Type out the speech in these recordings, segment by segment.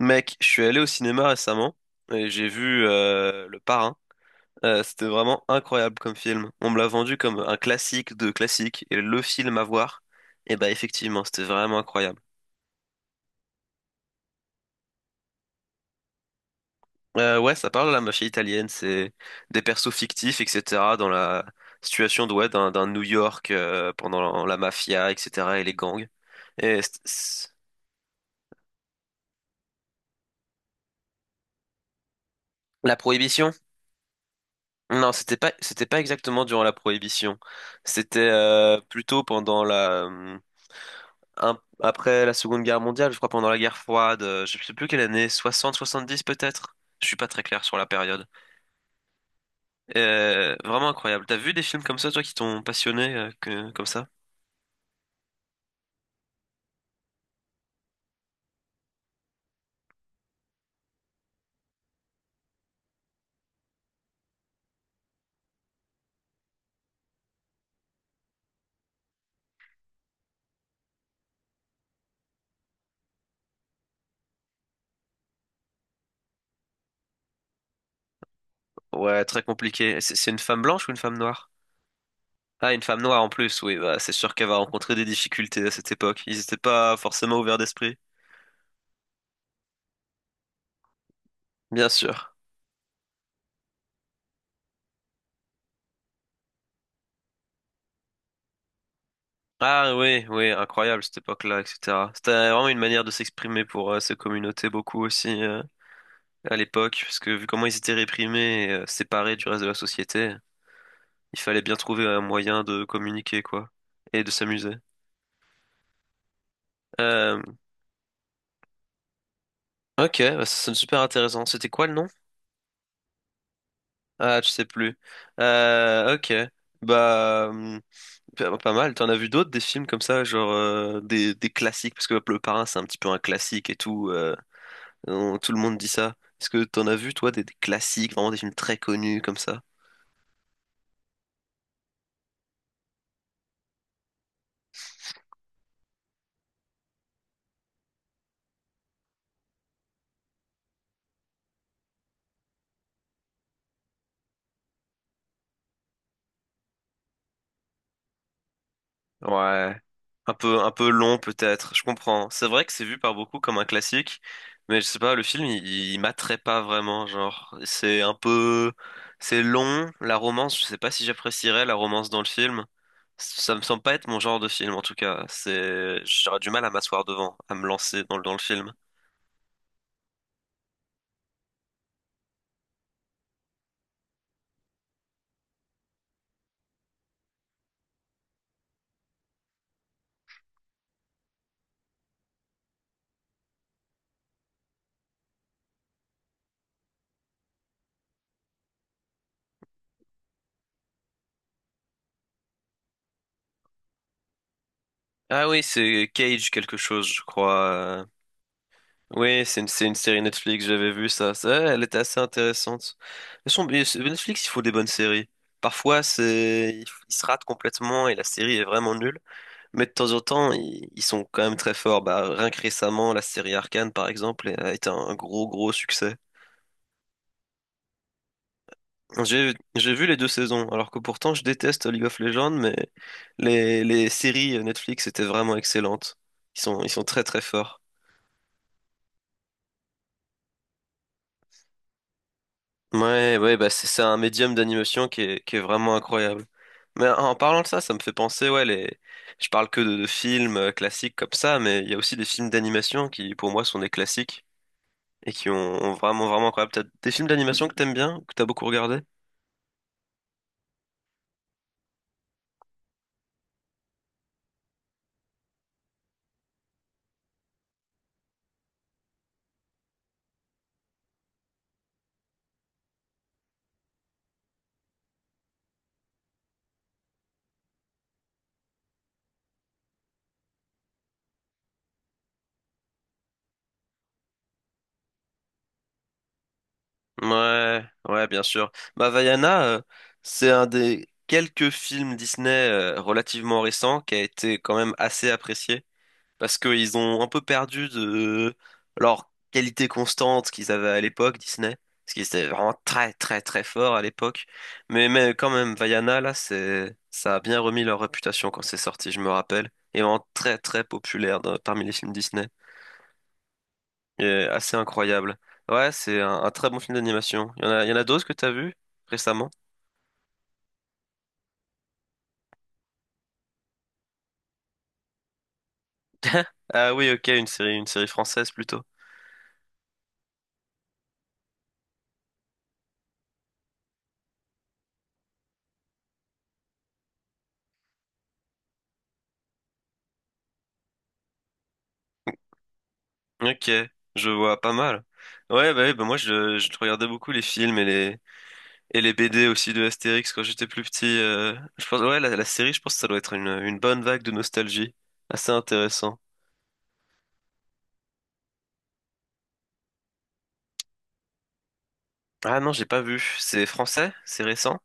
Mec, je suis allé au cinéma récemment et j'ai vu Le Parrain. C'était vraiment incroyable comme film. On me l'a vendu comme un classique de classique et le film à voir. Et bah effectivement, c'était vraiment incroyable. Ouais, ça parle de la mafia italienne, c'est des persos fictifs, etc. dans la situation ouais, d'un New York pendant la mafia, etc. et les gangs. Et la prohibition? Non, c'était pas exactement durant la prohibition. C'était plutôt après la Seconde Guerre mondiale, je crois pendant la guerre froide, je sais plus quelle année, soixante soixante-dix peut-être? Je suis pas très clair sur la période. Vraiment incroyable. T'as vu des films comme ça, toi, qui t'ont passionné, comme ça? Ouais, très compliqué. C'est une femme blanche ou une femme noire? Ah, une femme noire en plus, oui, bah, c'est sûr qu'elle va rencontrer des difficultés à cette époque. Ils n'étaient pas forcément ouverts d'esprit. Bien sûr. Ah oui, oui, incroyable cette époque-là, etc. C'était vraiment une manière de s'exprimer pour ces communautés beaucoup aussi à l'époque, parce que vu comment ils étaient réprimés et séparés du reste de la société, il fallait bien trouver un moyen de communiquer, quoi, et de s'amuser. Euh, ok, bah, ça sonne super intéressant. C'était quoi le nom? Ah, je sais plus. Ok, bah pas mal. T'en as vu d'autres des films comme ça, genre des classiques, parce que Le Parrain c'est un petit peu un classique et tout. Tout le monde dit ça. Est-ce que t'en as vu, toi, des classiques, vraiment des films très connus comme ça? Ouais. Un peu long peut-être, je comprends. C'est vrai que c'est vu par beaucoup comme un classique, mais je sais pas, le film, il m'attrait pas vraiment, genre. C'est un peu. C'est long, la romance, je sais pas si j'apprécierais la romance dans le film. Ça me semble pas être mon genre de film, en tout cas. J'aurais du mal à m'asseoir devant, à me lancer dans le film. Ah oui, c'est Cage quelque chose, je crois. Oui, c'est une série Netflix, j'avais vu ça. Ça, elle était assez intéressante. Mais Netflix, il faut des bonnes séries. Parfois, c'est, ils ils se ratent complètement et la série est vraiment nulle. Mais de temps en temps, ils sont quand même très forts. Bah, rien que récemment, la série Arcane, par exemple, a été un gros, gros succès. J'ai vu les deux saisons, alors que pourtant, je déteste League of Legends, mais les séries Netflix étaient vraiment excellentes. Ils sont très, très forts. Ouais, ouais, bah c'est un médium d'animation qui est vraiment incroyable. Mais en parlant de ça, ça me fait penser, ouais, je parle que de films classiques comme ça, mais il y a aussi des films d'animation qui, pour moi, sont des classiques et qui ont vraiment, vraiment incroyable. T'as des films d'animation que t'aimes bien, que t'as beaucoup regardé? Ouais, ouais, bien sûr. Bah, Vaiana, c'est un des quelques films Disney relativement récents qui a été quand même assez apprécié. Parce qu'ils ont un peu perdu de leur qualité constante qu'ils avaient à l'époque, Disney, parce qu'ils étaient vraiment très très très forts à l'époque. Mais quand même, Vaiana, là, ça a bien remis leur réputation quand c'est sorti, je me rappelle, et vraiment très très populaire parmi les films Disney, et assez incroyable. Ouais, c'est un très bon film d'animation. Il y en a d'autres que t'as vu récemment? Ah oui, ok, une série française plutôt. Ok, je vois pas mal. Ouais, bah, oui, bah moi je regardais beaucoup les films et les BD aussi de Astérix quand j'étais plus petit. Je pense, ouais, la série, je pense que ça doit être une bonne vague de nostalgie. Assez intéressant. Ah non, j'ai pas vu. C'est français? C'est récent?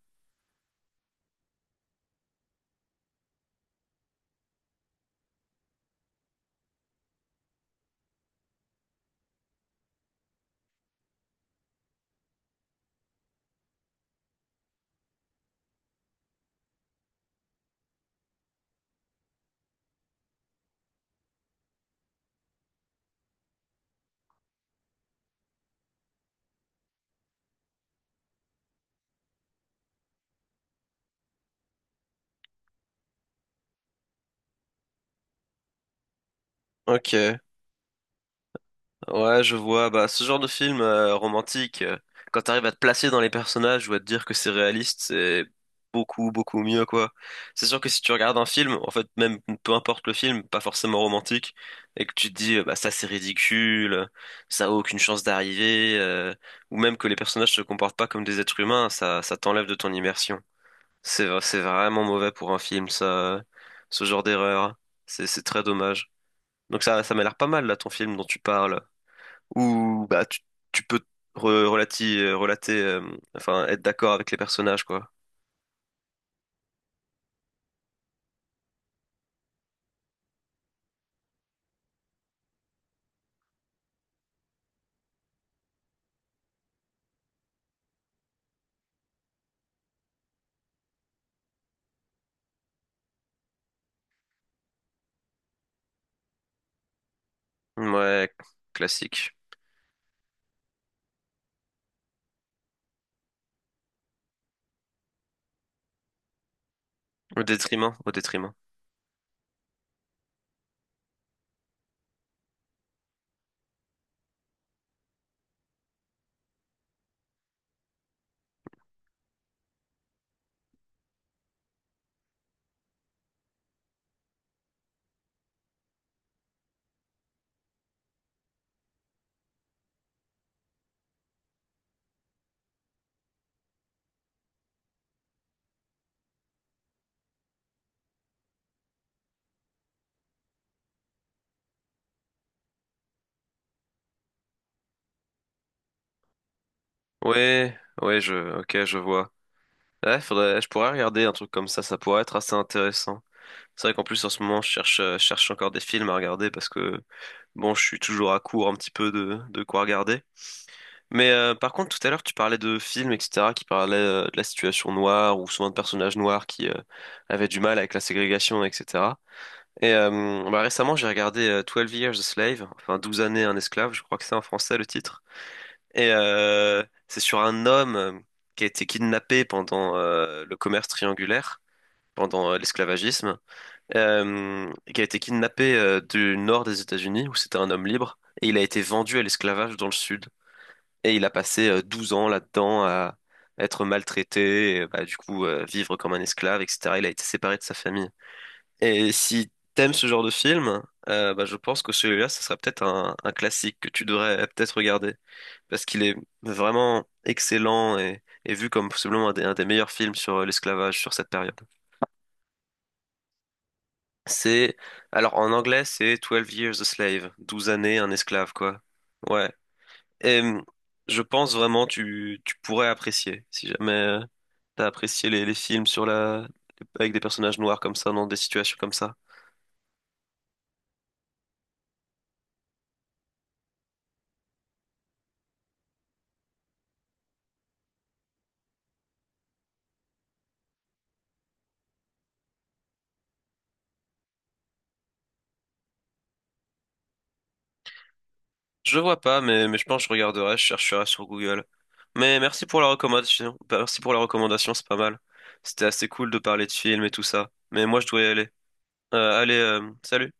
Ok. Ouais, je vois. Bah, ce genre de film romantique, quand t'arrives à te placer dans les personnages ou à te dire que c'est réaliste, c'est beaucoup, beaucoup mieux, quoi. C'est sûr que si tu regardes un film, en fait, même peu importe le film, pas forcément romantique, et que tu te dis, bah, ça c'est ridicule, ça a aucune chance d'arriver, ou même que les personnages se comportent pas comme des êtres humains, ça t'enlève de ton immersion. C'est vraiment mauvais pour un film, ça, ce genre d'erreur. C'est très dommage. Donc ça m'a l'air pas mal, là, ton film dont tu parles où bah tu peux relater, enfin être d'accord avec les personnages quoi. Ouais, classique. Au détriment, au détriment. Ouais, ouais, ok, je vois. Ouais, faudrait, je pourrais regarder un truc comme ça pourrait être assez intéressant. C'est vrai qu'en plus en ce moment je cherche encore des films à regarder parce que bon, je suis toujours à court un petit peu de quoi regarder. Mais par contre, tout à l'heure, tu parlais de films, etc., qui parlaient de la situation noire ou souvent de personnages noirs qui avaient du mal avec la ségrégation, etc. Et bah, récemment, j'ai regardé 12 Years a Slave, enfin Douze années un esclave, je crois que c'est en français le titre. Et c'est sur un homme qui a été kidnappé pendant le commerce triangulaire, pendant l'esclavagisme, qui a été kidnappé du nord des États-Unis, où c'était un homme libre, et il a été vendu à l'esclavage dans le sud. Et il a passé 12 ans là-dedans à être maltraité, et, bah, du coup vivre comme un esclave, etc. Il a été séparé de sa famille. Et si t'aimes ce genre de film, bah, je pense que celui-là, ce sera peut-être un classique que tu devrais peut-être regarder. Parce qu'il est vraiment excellent et vu comme possiblement un des meilleurs films sur l'esclavage sur cette période. C'est, alors en anglais, c'est Twelve Years a Slave, Douze années un esclave, quoi. Ouais. Et je pense vraiment tu pourrais apprécier, si jamais t'as apprécié les films avec des personnages noirs comme ça, dans des situations comme ça. Je vois pas, mais je pense que je regarderai, je chercherai sur Google. Mais merci pour la recommandation. Bah, merci pour la recommandation, c'est pas mal. C'était assez cool de parler de films et tout ça. Mais moi, je dois y aller. Allez, salut.